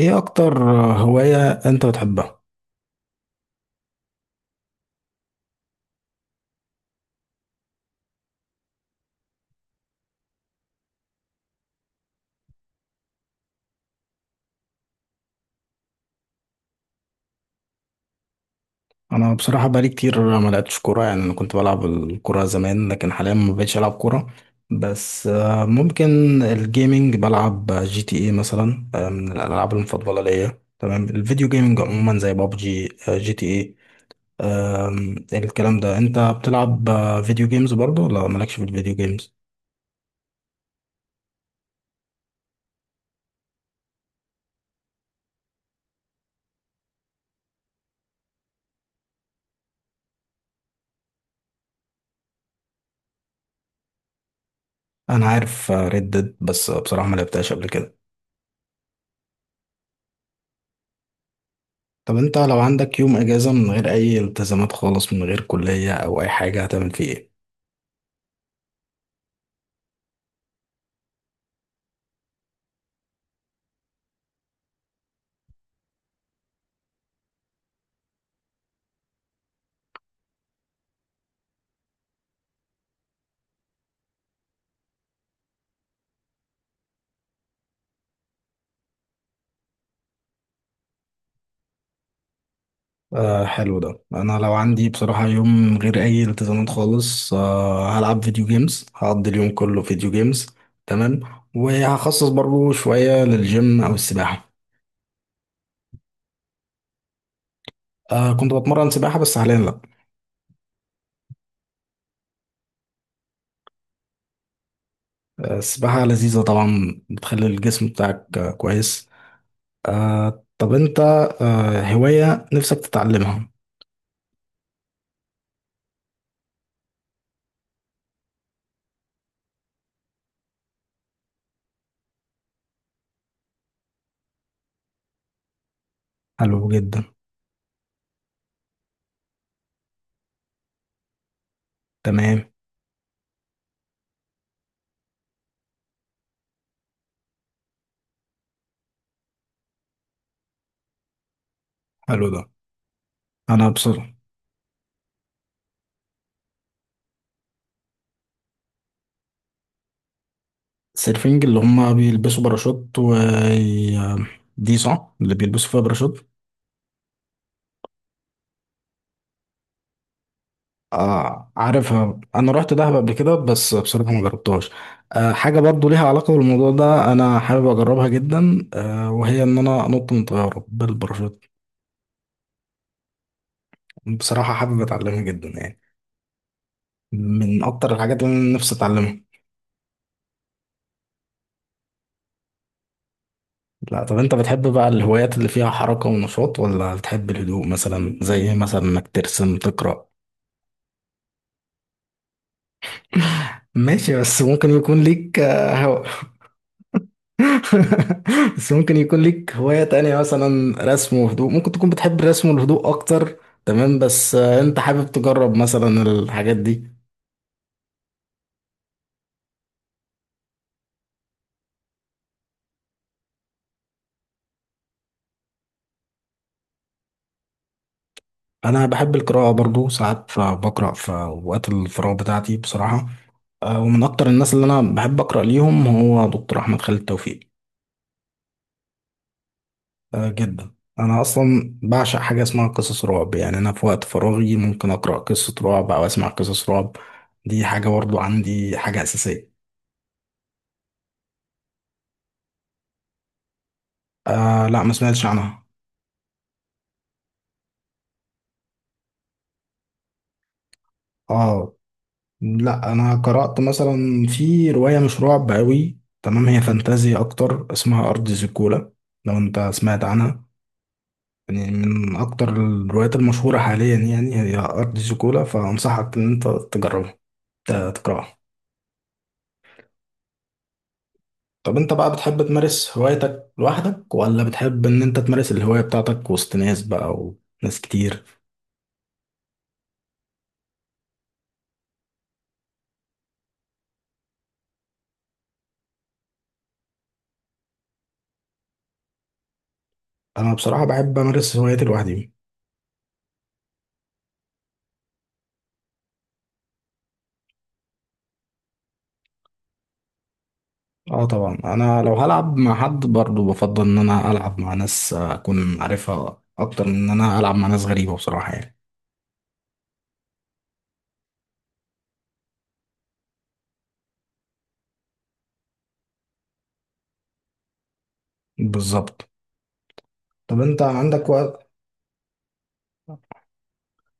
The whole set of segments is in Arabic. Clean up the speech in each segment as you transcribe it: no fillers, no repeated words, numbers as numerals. ايه اكتر هواية انت بتحبها؟ انا بصراحة بقالي كتير ما لعبتش كورة، يعني انا كنت بلعب الكورة زمان، لكن حاليا ما بقتش العب كورة. بس ممكن الجيمينج. بلعب جي تي اي مثلا، من الالعاب المفضلة ليا. تمام. الفيديو جيمينج عموما زي بابجي، جي تي اي. الكلام ده، انت بتلعب فيديو جيمز برضه، ولا مالكش في الفيديو جيمز؟ انا عارف ريد ديد بس بصراحة ما لعبتهاش قبل كده. طب انت لو عندك يوم اجازة من غير اي التزامات خالص، من غير كلية او اي حاجة، هتعمل فيه ايه؟ آه، حلو ده. انا لو عندي بصراحة يوم من غير اي التزامات خالص، هلعب فيديو جيمز، هقضي اليوم كله فيديو جيمز. تمام. وهخصص برضو شوية للجيم او السباحة. كنت بتمرن سباحة بس حاليا لا. السباحة لذيذة طبعا، بتخلي الجسم بتاعك كويس. طب انت هواية نفسك تتعلمها؟ حلو جدا. تمام. حلو ده. انا بصراحة. سيرفينج اللي هم بيلبسوا باراشوت و دي صح؟ اللي بيلبسوا فيها باراشوت؟ عارفها، انا رحت دهب قبل كده بس بصراحه ما جربتهاش. حاجه برضو ليها علاقه بالموضوع ده، انا حابب اجربها جدا، وهي ان انا انط من طياره بالباراشوت. بصراحه حابب اتعلمها جدا يعني، من اكتر الحاجات اللي انا نفسي اتعلمها. لا. طب انت بتحب بقى الهوايات اللي فيها حركه ونشاط، ولا بتحب الهدوء مثلا زي إيه، مثلا انك ترسم، تقرا؟ ماشي، بس ممكن يكون ليك. بس ممكن يكون ليك هواية تانية، مثلا رسم وهدوء، ممكن تكون بتحب الرسم والهدوء أكتر. تمام، بس أنت حابب تجرب مثلا الحاجات دي؟ انا بحب القراءه برضو، ساعات بقرا في اوقات الفراغ بتاعتي بصراحه. ومن اكتر الناس اللي انا بحب اقرا ليهم هو دكتور احمد خالد توفيق. آه، جدا. انا اصلا بعشق حاجه اسمها قصص رعب، يعني انا في وقت فراغي ممكن اقرا قصه رعب او اسمع قصص رعب. دي حاجه برضو عندي، حاجه اساسيه. آه، لا ما سمعتش عنها. اه، لا انا قرأت مثلا في رواية مش رعب قوي، تمام، هي فانتازيا اكتر، اسمها ارض زيكولا. لو انت سمعت عنها؟ يعني من اكتر الروايات المشهورة حاليا، يعني هي ارض زيكولا، فانصحك ان انت تجربها، تقرأها. طب انت بقى بتحب تمارس هوايتك لوحدك، ولا بتحب ان انت تمارس الهواية بتاعتك وسط ناس بقى، وناس كتير؟ انا بصراحة بحب امارس هواياتي لوحدي. اه طبعا، انا لو هلعب مع حد برضو بفضل ان انا العب مع ناس اكون عارفها، اكتر من ان انا العب مع ناس غريبة، بصراحة يعني. بالظبط. طب انت عندك وقت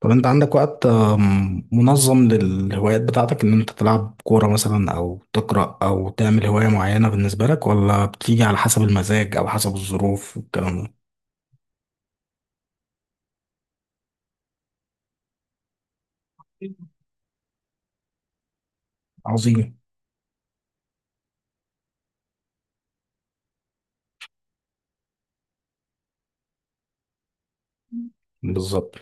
طب انت عندك وقت منظم للهوايات بتاعتك، ان انت تلعب كورة مثلا او تقرأ او تعمل هواية معينة بالنسبة لك، ولا بتيجي على حسب المزاج او حسب الظروف والكلام ده؟ عظيم. بالظبط.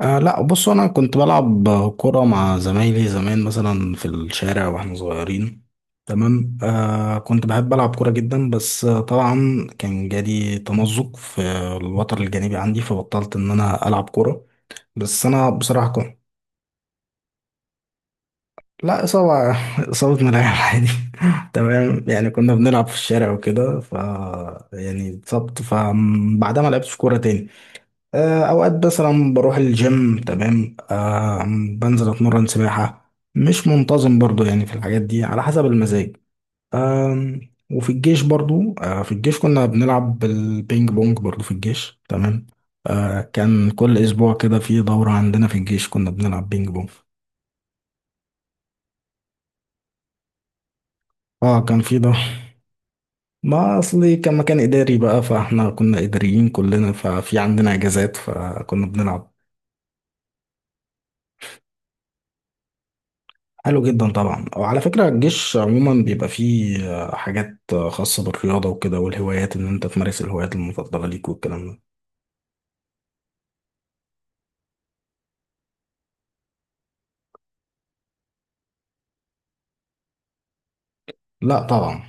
لا، بص انا كنت بلعب كرة مع زمايلي زمان، مثلا في الشارع واحنا صغيرين. تمام. كنت بحب العب كرة جدا، بس طبعا كان جالي تمزق في الوتر الجانبي عندي، فبطلت ان انا العب كرة. بس انا بصراحة كنت. لا، إصابة. إصابة ملاعب عادي. تمام، يعني كنا بنلعب في الشارع وكده، يعني اتصبت، فبعدها ما لعبتش كورة تاني. اوقات مثلا بروح الجيم. تمام. بنزل اتمرن سباحة مش منتظم برضو، يعني في الحاجات دي على حسب المزاج. آم، وفي الجيش برضو آه، في الجيش كنا بنلعب بالبينج بونج برضو، في الجيش. تمام. كان كل اسبوع كده في دورة عندنا في الجيش، كنا بنلعب بينج بونج. اه، كان في ده. ما اصلي كان مكان اداري بقى، فاحنا كنا اداريين كلنا، ففي عندنا اجازات فكنا بنلعب. حلو جدا طبعا. وعلى فكرة الجيش عموما بيبقى فيه حاجات خاصة بالرياضة وكده، والهوايات، ان انت تمارس الهوايات المفضلة ليك والكلام ده. لا طبعا.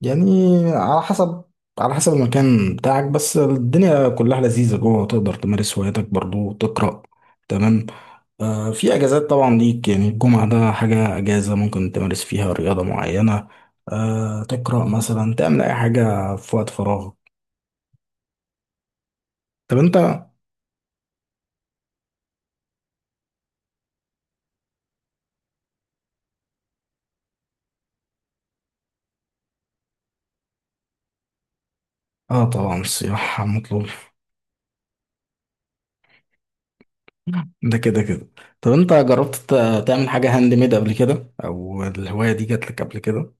يعني على حسب المكان بتاعك، بس الدنيا كلها لذيذة جوه، تقدر تمارس هواياتك برضو وتقرأ. تمام. في اجازات طبعا ليك، يعني الجمعة ده حاجة اجازة ممكن تمارس فيها رياضة معينة، تقرأ مثلا، تعمل اي حاجة في وقت فراغك. طب انت. اه طبعا، السياحة مطلوب. ده كده كده. طب انت جربت تعمل حاجة هاند ميد قبل كده، او الهواية دي جات لك قبل كده؟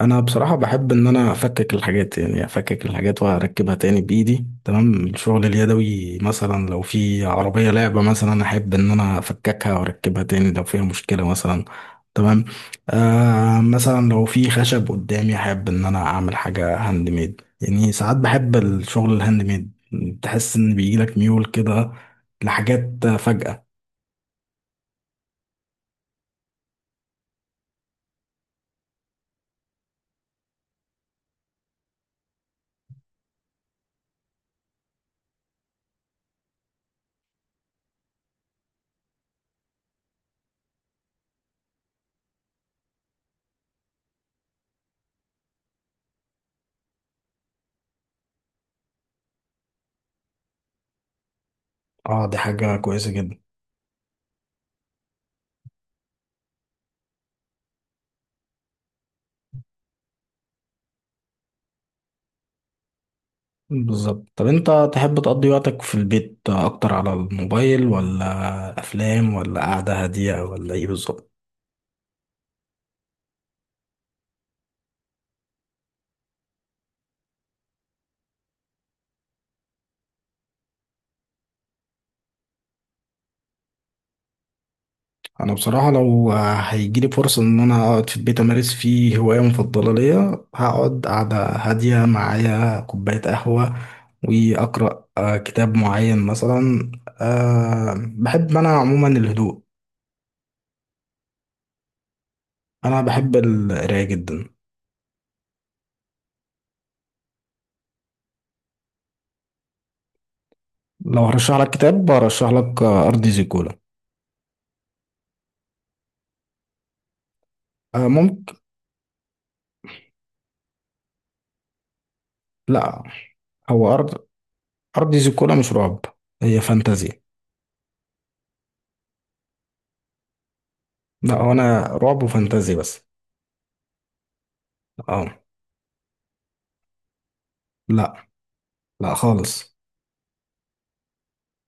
انا بصراحة بحب ان انا افكك الحاجات، يعني افكك الحاجات واركبها تاني بايدي. تمام، الشغل اليدوي مثلا، لو في عربية لعبة مثلا احب ان انا افككها واركبها تاني لو فيها مشكلة مثلا. تمام. مثلا لو في خشب قدامي احب ان انا اعمل حاجة هاند ميد، يعني ساعات بحب الشغل الهاند ميد. تحس ان بيجيلك ميول كده لحاجات فجأة؟ اه، دي حاجة كويسة جدا. بالظبط. طب انت تحب تقضي وقتك في البيت اكتر على الموبايل، ولا افلام، ولا قعدة هادية، ولا ايه بالظبط؟ انا بصراحة لو هيجيلي فرصة ان انا اقعد في البيت، امارس فيه هواية مفضلة ليا، هقعد قعدة هادية معايا كوباية قهوة واقرأ كتاب معين مثلا. أه، بحب انا عموما الهدوء. انا بحب القراية جدا. لو هرشح لك كتاب هرشح لك ارض زيكولا. ممكن. لا، هو ارض زيكولا مش رعب، هي فانتازي. لا، هو انا رعب وفانتازي بس. اه، لا لا خالص.